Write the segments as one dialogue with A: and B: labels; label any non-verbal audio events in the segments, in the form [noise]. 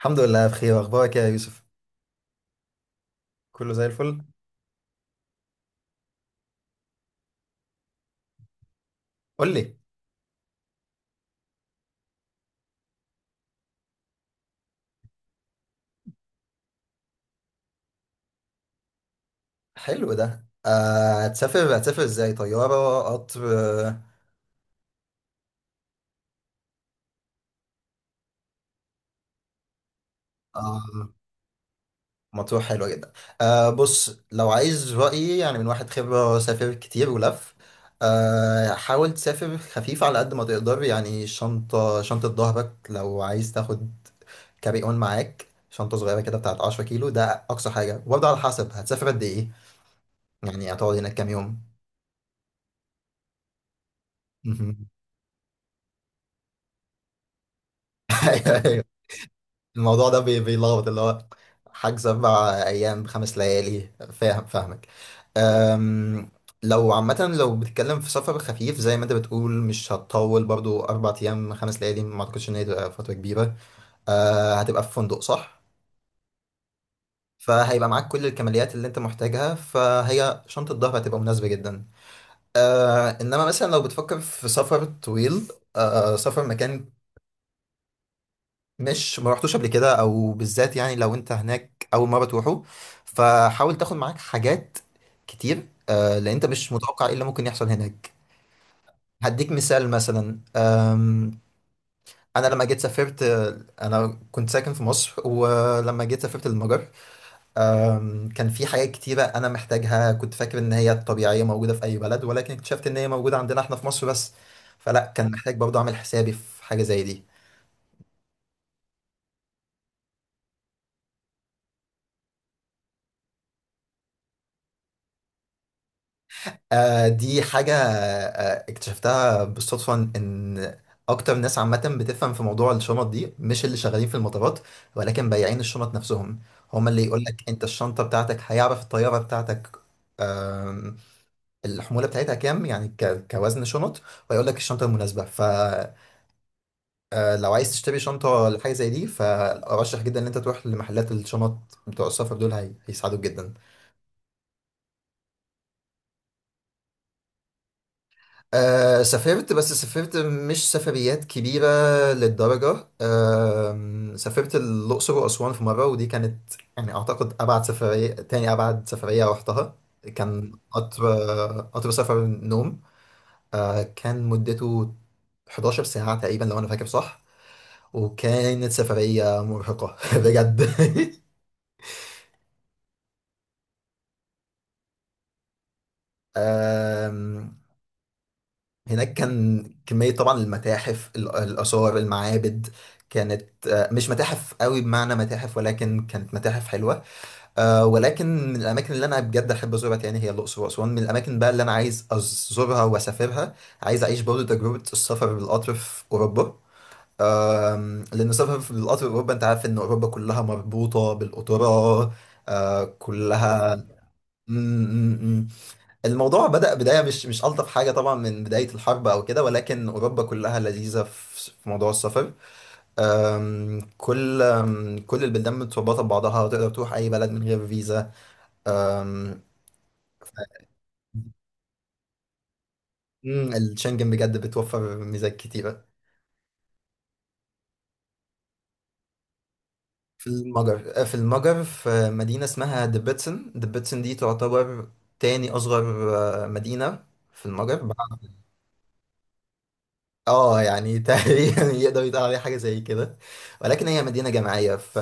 A: الحمد لله بخير. اخبارك يا يوسف؟ كله زي الفل. قول لي. حلو ده. هتسافر ازاي؟ طياره؟ قطر؟ آه. آه، مطروح حلوه جدا. آه، بص لو عايز رايي، يعني من واحد خبره سافر كتير ولف، آه حاول تسافر خفيف على قد ما تقدر. يعني شنطه ظهرك، لو عايز تاخد كاري اون معاك شنطه صغيره كده بتاعت 10 كيلو ده اقصى حاجه. وبرضه على حسب هتسافر قد ايه، يعني هتقعد هناك كام يوم؟ [laughs] الموضوع ده بيلخبط، اللي هو حجز أربع أيام بخمس ليالي. فاهم؟ فاهمك. أم، لو عامة لو بتتكلم في سفر خفيف زي ما أنت بتقول، مش هتطول برضو. أربع أيام خمس ليالي ما أعتقدش إن هي تبقى فترة كبيرة. أه، هتبقى في فندق صح؟ فهيبقى معاك كل الكماليات اللي أنت محتاجها، فهي شنطة الظهر هتبقى مناسبة جدا. أه، إنما مثلا لو بتفكر في سفر طويل، أه، سفر مكان مش ما رحتوش قبل كده، او بالذات يعني لو انت هناك اول مره تروحوا، فحاول تاخد معاك حاجات كتير. لان انت مش متوقع ايه اللي ممكن يحصل هناك. هديك مثال مثلا. انا لما جيت سافرت، آه، انا كنت ساكن في مصر ولما جيت سافرت المجر، كان في حاجات كتيره انا محتاجها، كنت فاكر ان هي طبيعيه موجوده في اي بلد، ولكن اكتشفت ان هي موجوده عندنا احنا في مصر بس. فلا كان محتاج برضه اعمل حسابي في حاجه زي دي. آه دي حاجة آه اكتشفتها بالصدفة، إن أكتر ناس عامة بتفهم في موضوع الشنط دي مش اللي شغالين في المطارات، ولكن بياعين الشنط نفسهم، هما اللي يقول لك أنت الشنطة بتاعتك، هيعرف الطيارة بتاعتك، آم، الحمولة بتاعتها كام، يعني كوزن شنط، ويقول لك الشنطة المناسبة. فلو عايز تشتري شنطة لحاجة زي دي، فأرشح جدا إن أنت تروح لمحلات الشنط بتوع السفر دول، هيساعدوك جدا. آه سافرت، بس سافرت مش سفريات كبيرة للدرجة. آه سافرت الأقصر وأسوان في مرة، ودي كانت يعني أعتقد أبعد سفرية. تاني أبعد سفرية رحتها كان قطر. قطر سفر نوم، آه كان مدته 11 ساعة تقريبا لو أنا فاكر صح، وكانت سفرية مرهقة [laughs] بجد. آه، هناك كان كمية طبعا المتاحف، الآثار، المعابد، كانت آه، مش متاحف قوي بمعنى متاحف، ولكن كانت متاحف حلوة. آه، ولكن من الأماكن اللي أنا بجد أحب أزورها تاني هي الأقصر وأسوان. من الأماكن بقى اللي أنا عايز أزورها وأسافرها، عايز أعيش برضه تجربة السفر بالقطر في أوروبا. لأن السفر في بالقطر في أوروبا، أنت عارف إن أوروبا كلها مربوطة بالقطورة، آه، كلها. الموضوع بدأ بداية مش ألطف حاجة طبعا، من بداية الحرب أو كده، ولكن أوروبا كلها لذيذة في في موضوع السفر. أم، كل أم، كل البلدان متربطة ببعضها، وتقدر تروح أي بلد من غير فيزا. أم، ف- مم، الشنجن بجد بتوفر ميزات كتيرة. في المجر، آه، في المجر في مدينة اسمها دبتسن. دبتسن دي تعتبر تاني أصغر آه، مدينة في المجر اه يعني تقريبا. [laughs] يقدر يتقال عليها حاجة زي كده، ولكن هي مدينة جامعية، ف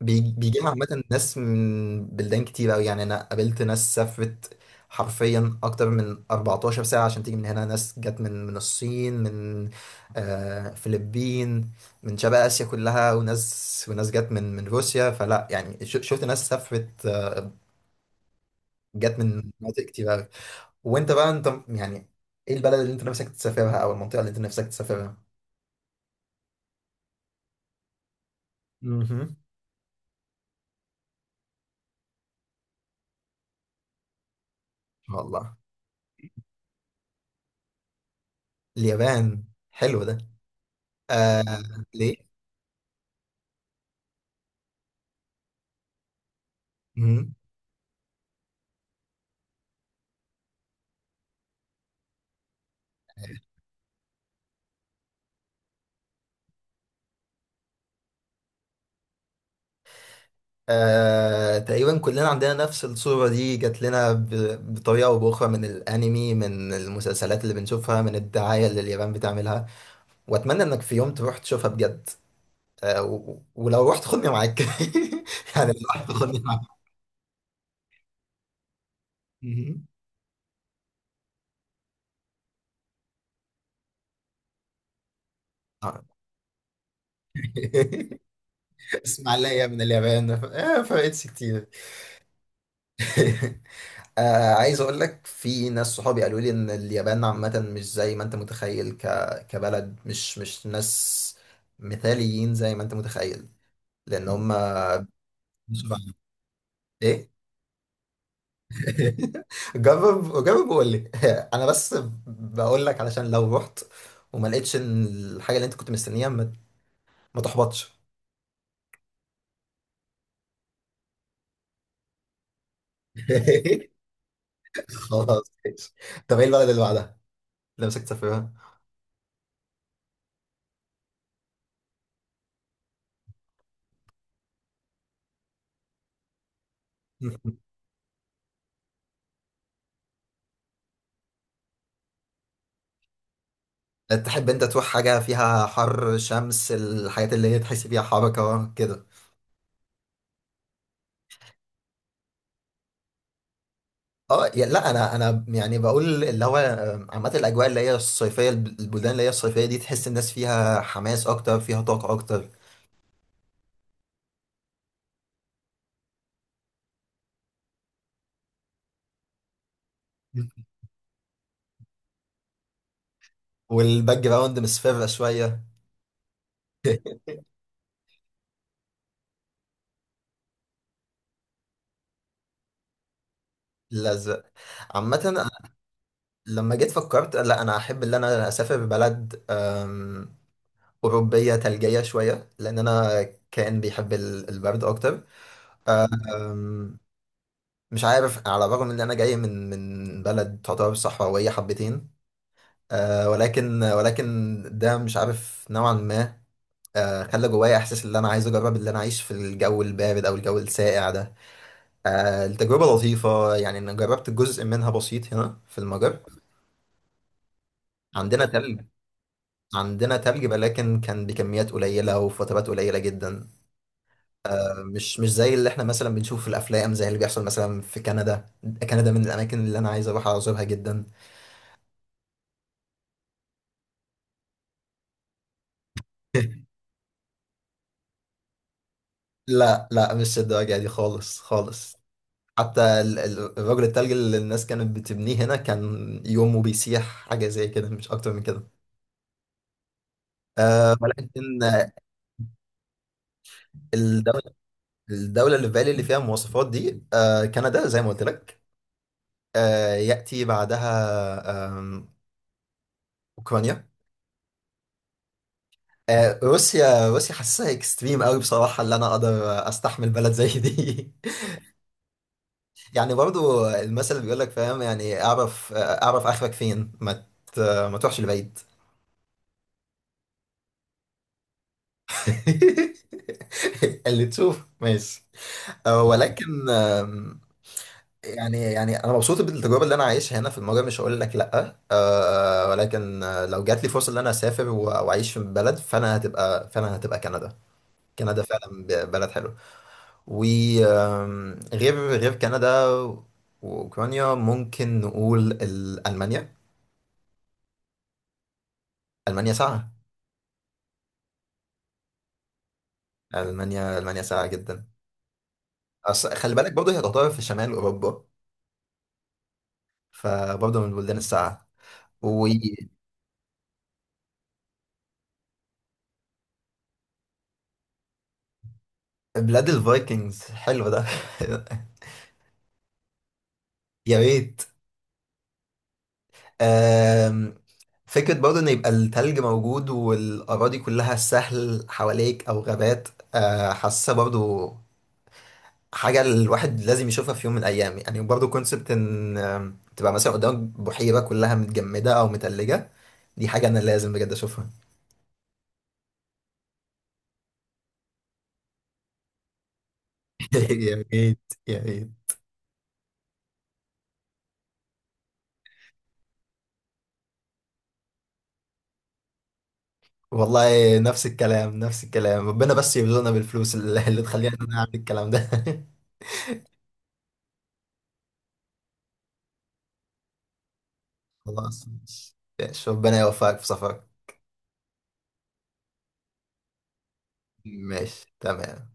A: بيجي لها عامة ناس من بلدان كتير أوي. يعني أنا قابلت ناس سافرت حرفيا أكتر من 14 ساعة عشان تيجي من هنا. ناس جت من الصين، من آه فلبين، من شرق آسيا كلها، وناس، وناس جت من روسيا. فلا يعني شفت ناس سافرت، آه، جت من مناطق كتير أوي. وأنت بقى أنت يعني إيه البلد اللي أنت نفسك تسافرها، أو المنطقة اللي أنت نفسك تسافرها؟ مهم. والله. اليابان؟ حلو ده. آه، ليه؟ آه، تقريبا كلنا عندنا نفس الصورة دي. جات لنا بطريقة أو بأخرى، من الأنمي، من المسلسلات اللي بنشوفها، من الدعاية اللي اليابان بتعملها. وأتمنى إنك في يوم تروح تشوفها بجد. آه، ولو رحت خدني معاك [laughs] يعني لو رحت خدني معاك. مهم. آه. [laughs] اسمع، ليا من اليابان ما فرقتش كتير. [laughs] آه عايز اقول لك، في ناس صحابي قالوا لي ان اليابان عامة مش زي ما انت متخيل ك... كبلد، مش ناس مثاليين زي ما انت متخيل، لان هم مش بعمل. ايه؟ [laughs] جرب، جرب وقول لي. [laughs] انا بس بقول لك علشان لو رحت وما لقيتش إن الحاجة اللي انت كنت مستنيها، ما تحبطش. [laughs] خلاص ماشي. طب ايه البلد اللي بعدها اللي نفسك تسافرها؟ تحب انت تروح حاجة فيها حر شمس، الحاجات اللي هي تحس فيها حركة كده؟ اه يا- لا، انا يعني بقول اللي هو آه، عامة الاجواء اللي هي الصيفية، البلدان اللي هي الصيفية دي، تحس الناس فيها حماس اكتر، فيها طاقة اكتر. والباك جراوند مصفرة شوية. [laughs] الازرق. عامة أنا لما جيت فكرت لا، انا احب ان انا اسافر بلد اوروبية ثلجية شوية، لان انا كائن بيحب البرد اكتر. مش عارف، على الرغم ان انا جاي من بلد تعتبر صحراويه حبتين، آه، ولكن ده مش عارف، نوعا ما آه خلى جوايا احساس ان انا عايز اجرب اللي انا اعيش في الجو البارد او الجو الساقع ده. آه التجربه لطيفه، يعني انا جربت جزء منها بسيط هنا في المجر. عندنا تلج. عندنا تلج، ولكن كان بكميات قليله وفي فترات قليله جدا. آه مش زي اللي احنا مثلا بنشوفه في الافلام، زي اللي بيحصل مثلا في كندا. كندا من الاماكن اللي انا عايز اروح ازورها جدا. [laughs] لا لا، مش الدواجع دي خالص خالص. حتى الرجل التلج اللي الناس كانت بتبنيه هنا كان يومه بيسيح. حاجة زي كده مش أكتر من كده. أه ولكن. الدولة, الدولة اللي في بالي اللي فيها المواصفات دي أه كندا زي ما قلت لك. أه يأتي بعدها أوكرانيا. أه روسيا. روسيا حاسسها اكستريم قوي بصراحة، اللي أنا أقدر أستحمل بلد زي دي. [laughs] يعني برضو المثل اللي بيقول لك، فاهم؟ يعني أعرف آه، أعرف آخرك فين، ما ما تروحش لبعيد. [laughs] اللي تشوف ماشي. أه، ولكن يعني، يعني انا مبسوط بالتجربه اللي انا عايشها هنا في المجر، مش هقول لك لا أه، ولكن آه، لو جات لي فرصه ان انا اسافر واعيش في بلد، فانا هتبقى كندا. كندا فعلا بلد حلو. وغير غير كندا واوكرانيا ممكن نقول المانيا. المانيا ساعه. المانيا، ساعه جدا. أصل خلي بالك برضه هي تعتبر في شمال اوروبا، فبرضه من البلدان الساعه، وبلاد الفايكنجز. حلو ده. [laughs] يا ريت. آم، فكرة برضه إن يبقى التلج موجود والأراضي كلها سهل حواليك أو غابات، آه، حاسة برضه حاجة الواحد لازم يشوفها في يوم من الأيام. يعني برضه كونسبت إن تبقى مثلا قدامك بحيرة كلها متجمدة أو متلجة، دي حاجة أنا لازم بجد أشوفها. [laughs] يا ريت. يا ريت. والله نفس الكلام، نفس الكلام. ربنا بس يرزقنا بالفلوس اللي تخلينا نعمل الكلام ده. [laughs] خلاص ماشي. شوف ربنا يوفقك في سفرك. ماشي تمام.